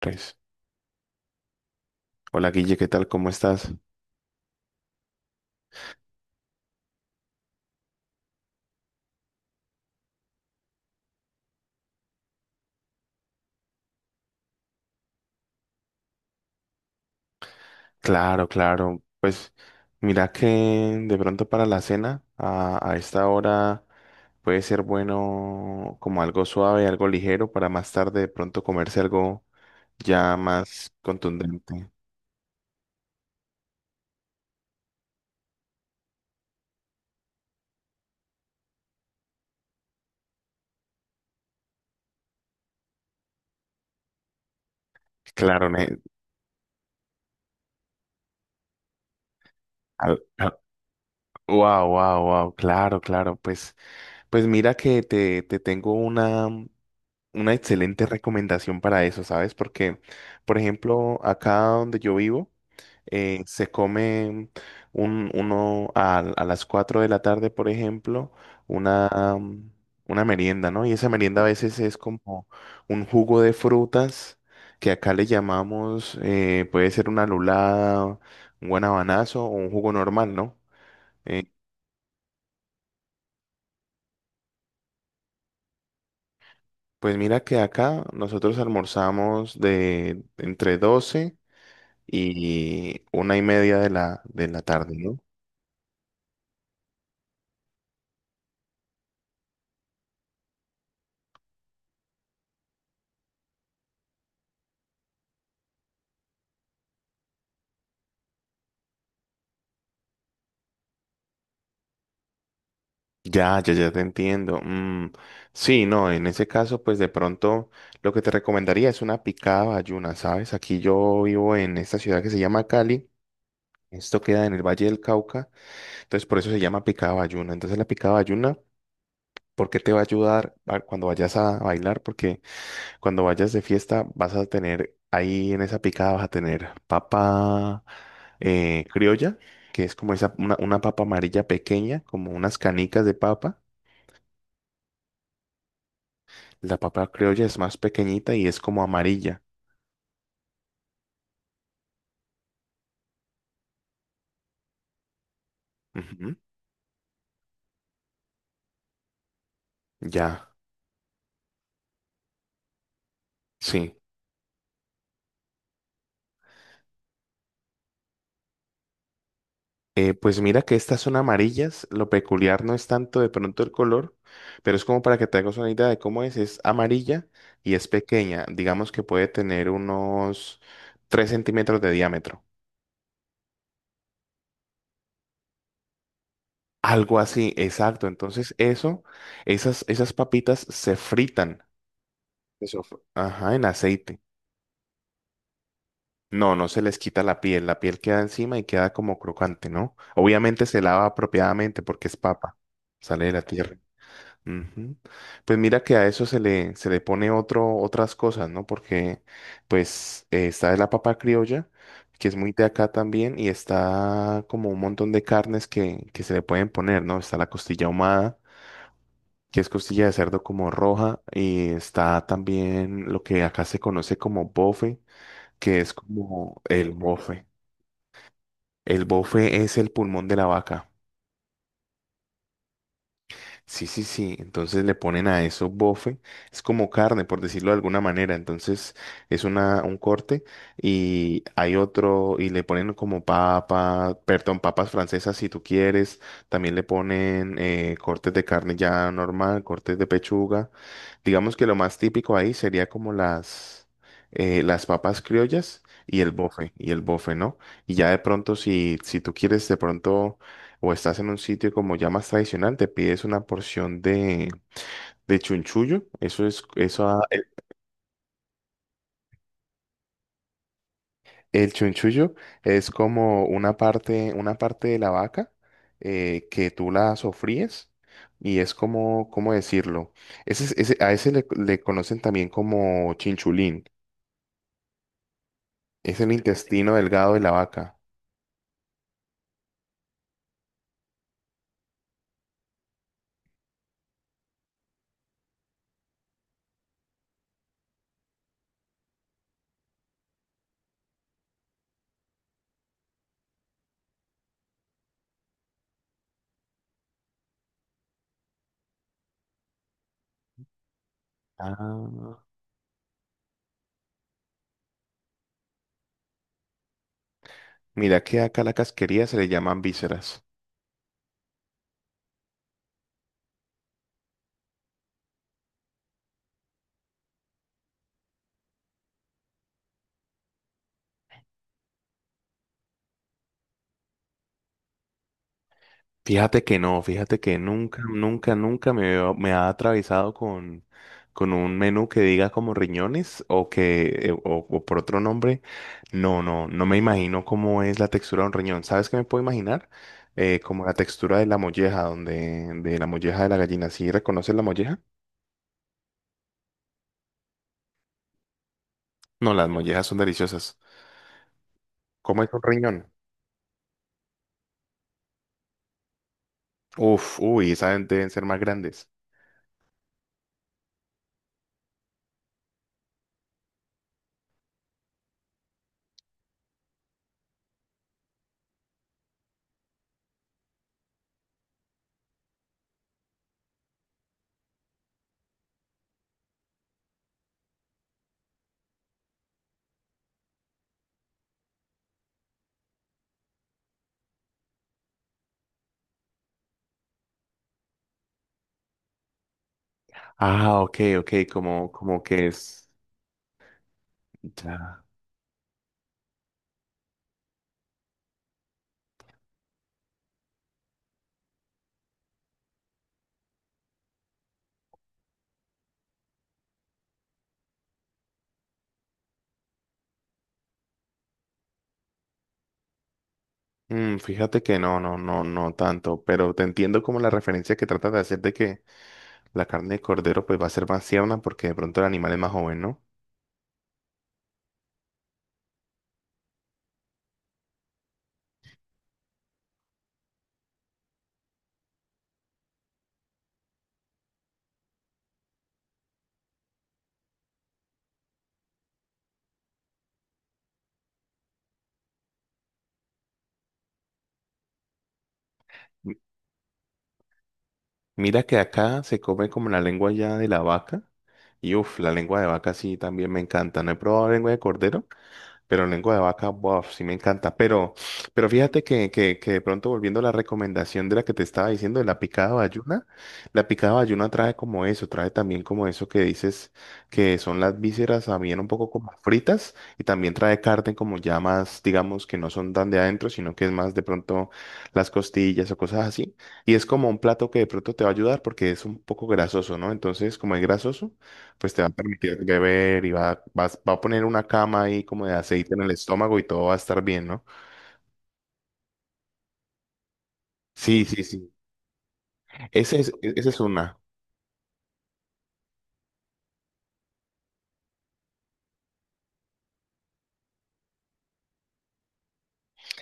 Pues, hola Guille, ¿qué tal? ¿Cómo estás? Claro, claro. Pues mira que de pronto para la cena, a esta hora puede ser bueno como algo suave, algo ligero, para más tarde de pronto comerse algo ya más contundente. Claro, al- al- wow, wow, wow, claro, claro. Pues mira que te tengo una excelente recomendación para eso, ¿sabes? Porque, por ejemplo, acá donde yo vivo, se come uno a las 4 de la tarde, por ejemplo, una, mm, una merienda, ¿no? Y esa merienda a veces es como un jugo de frutas que acá le llamamos, puede ser una lulada, un guanabanazo o un jugo normal, ¿no? Eh, pues mira que acá nosotros almorzamos de entre 12 y 1:30 de la tarde, ¿no? Ya, ya, ya te entiendo. Mm, sí, no, en ese caso, pues de pronto lo que te recomendaría es una picada bayuna, ¿sabes? Aquí yo vivo en esta ciudad que se llama Cali. Esto queda en el Valle del Cauca, entonces por eso se llama picada bayuna. Entonces la picada bayuna, ¿por qué te va a ayudar cuando vayas a bailar? Porque cuando vayas de fiesta, vas a tener ahí en esa picada, vas a tener papa criolla, que es como esa, una papa amarilla pequeña, como unas canicas de papa. La papa criolla es más pequeñita y es como amarilla. Ujú, ya, sí. Pues mira que estas son amarillas. Lo peculiar no es tanto de pronto el color, pero es como para que te hagas una idea de cómo es. Es amarilla y es pequeña. Digamos que puede tener unos 3 cm de diámetro. Algo así, exacto. Entonces esas papitas se fritan. Eso, ajá, en aceite. No, no se les quita la piel. La piel queda encima y queda como crocante, ¿no? Obviamente se lava apropiadamente porque es papa. Sale de la tierra. Ujú. Pues mira que a eso se le pone otras cosas, ¿no? Porque pues está la papa criolla, que es muy de acá también, y está como un montón de carnes que se le pueden poner, ¿no? Está la costilla ahumada que es costilla de cerdo como roja, y está también lo que acá se conoce como bofe, que es como el bofe. El bofe es el pulmón de la vaca. Sí, sí, sí. Entonces le ponen a eso bofe. Es como carne, por decirlo de alguna manera. Entonces es un corte y hay otro y le ponen como papa, perdón, papas francesas si tú quieres. También le ponen cortes de carne ya normal, cortes de pechuga. Digamos que lo más típico ahí sería como las papas criollas y el bofe, ¿no? Y ya de pronto si tú quieres de pronto o estás en un sitio como ya más tradicional, te pides una porción de chunchullo. Eso es, eso, a- el chunchullo es como una parte de la vaca que tú la sofríes y es como, ¿cómo decirlo? A ese le conocen también como chinchulín. Es el intestino delgado de la vaca. Ah. Mira que acá a la casquería se le llaman vísceras. Fíjate que no, fíjate que nunca, nunca, nunca me ha atravesado con un menú que diga como riñones o que o por otro nombre. No, no, no me imagino cómo es la textura de un riñón. ¿Sabes qué me puedo imaginar? Como la textura de la molleja de la gallina. ¿Sí reconoces la molleja? No, las mollejas son deliciosas. ¿Cómo es un riñón? Uf, uy, esas deben ser más grandes. Ah, ok, ok, como que es. Ya. Fíjate que no, no, no, no tanto, pero te entiendo como la referencia que trata de hacer de que la carne de cordero pues va a ser más tierna porque de pronto el animal es más joven, ¿no? M- Mira que acá se come como la lengua ya de la vaca y uff, la lengua de vaca sí también me encanta. No he probado lengua de cordero. Pero lengua de vaca, bof, sí me encanta. Pero fíjate que de pronto volviendo a la recomendación de la que te estaba diciendo, de la picada bayuna trae como eso, trae también como eso que dices que son las vísceras también un poco como fritas y también trae carne como ya más, digamos, que no son tan de adentro, sino que es más de pronto las costillas o cosas así. Y es como un plato que de pronto te va a ayudar porque es un poco grasoso, ¿no? Entonces, como es grasoso pues te va a permitir que beber y va a poner una cama ahí como de aceite en el estómago y todo va a estar bien, ¿no? Sí, sí, sí. Esa es una.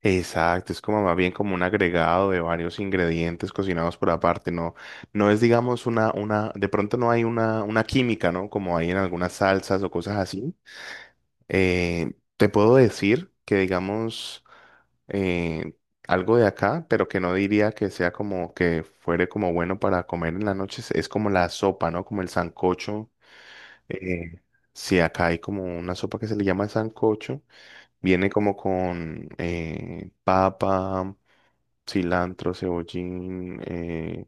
Exacto, es como más bien como un agregado de varios ingredientes cocinados por aparte, ¿no? No es, digamos, de pronto no hay una química, ¿no? Como hay en algunas salsas o cosas así. Eh, te puedo decir que digamos eh, algo de acá, pero que no diría que sea como que fuere como bueno para comer en la noche, es como la sopa, ¿no? Como el sancocho. Eh, si acá hay como una sopa que se le llama sancocho, viene como con papa, cilantro, cebollín,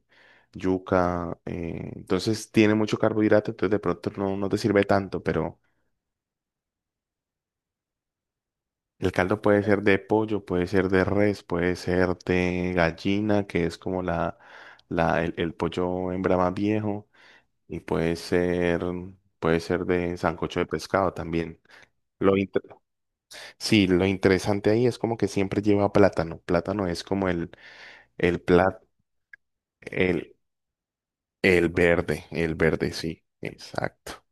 yuca. Entonces tiene mucho carbohidrato, entonces de pronto no, no te sirve tanto, pero. El caldo puede ser de pollo, puede ser de res, puede ser de gallina, que es como el pollo hembra más viejo, y puede ser de sancocho de pescado también. Lo inter- sí, lo interesante ahí es como que siempre lleva plátano. Plátano es como el plat, el, el verde, sí, exacto.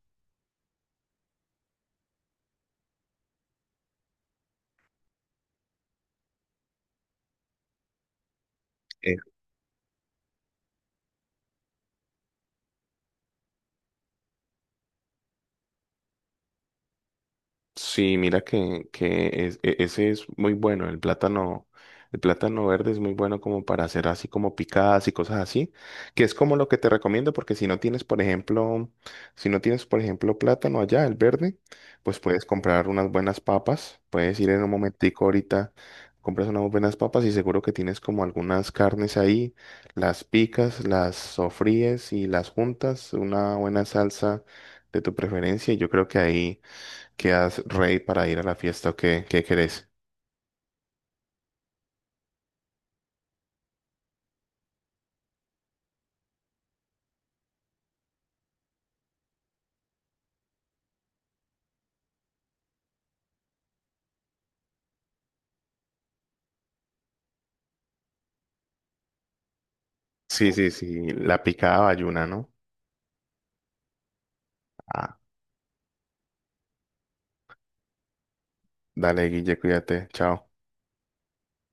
Sí, mira que ese es muy bueno, el plátano verde es muy bueno como para hacer así como picadas y cosas así, que es como lo que te recomiendo porque si no tienes, por ejemplo, si no tienes, por ejemplo, plátano allá, el verde, pues puedes comprar unas buenas papas, puedes ir en un momentico ahorita, compras unas buenas papas y seguro que tienes como algunas carnes ahí, las picas, las sofríes y las juntas, una buena salsa de tu preferencia y yo creo que ahí. ¿Qué quedas rey para ir a la fiesta o qué querés? Sí, sí, sí, la picada bayuna, ¿no? Ah, dale, Guille, cuídate, chao.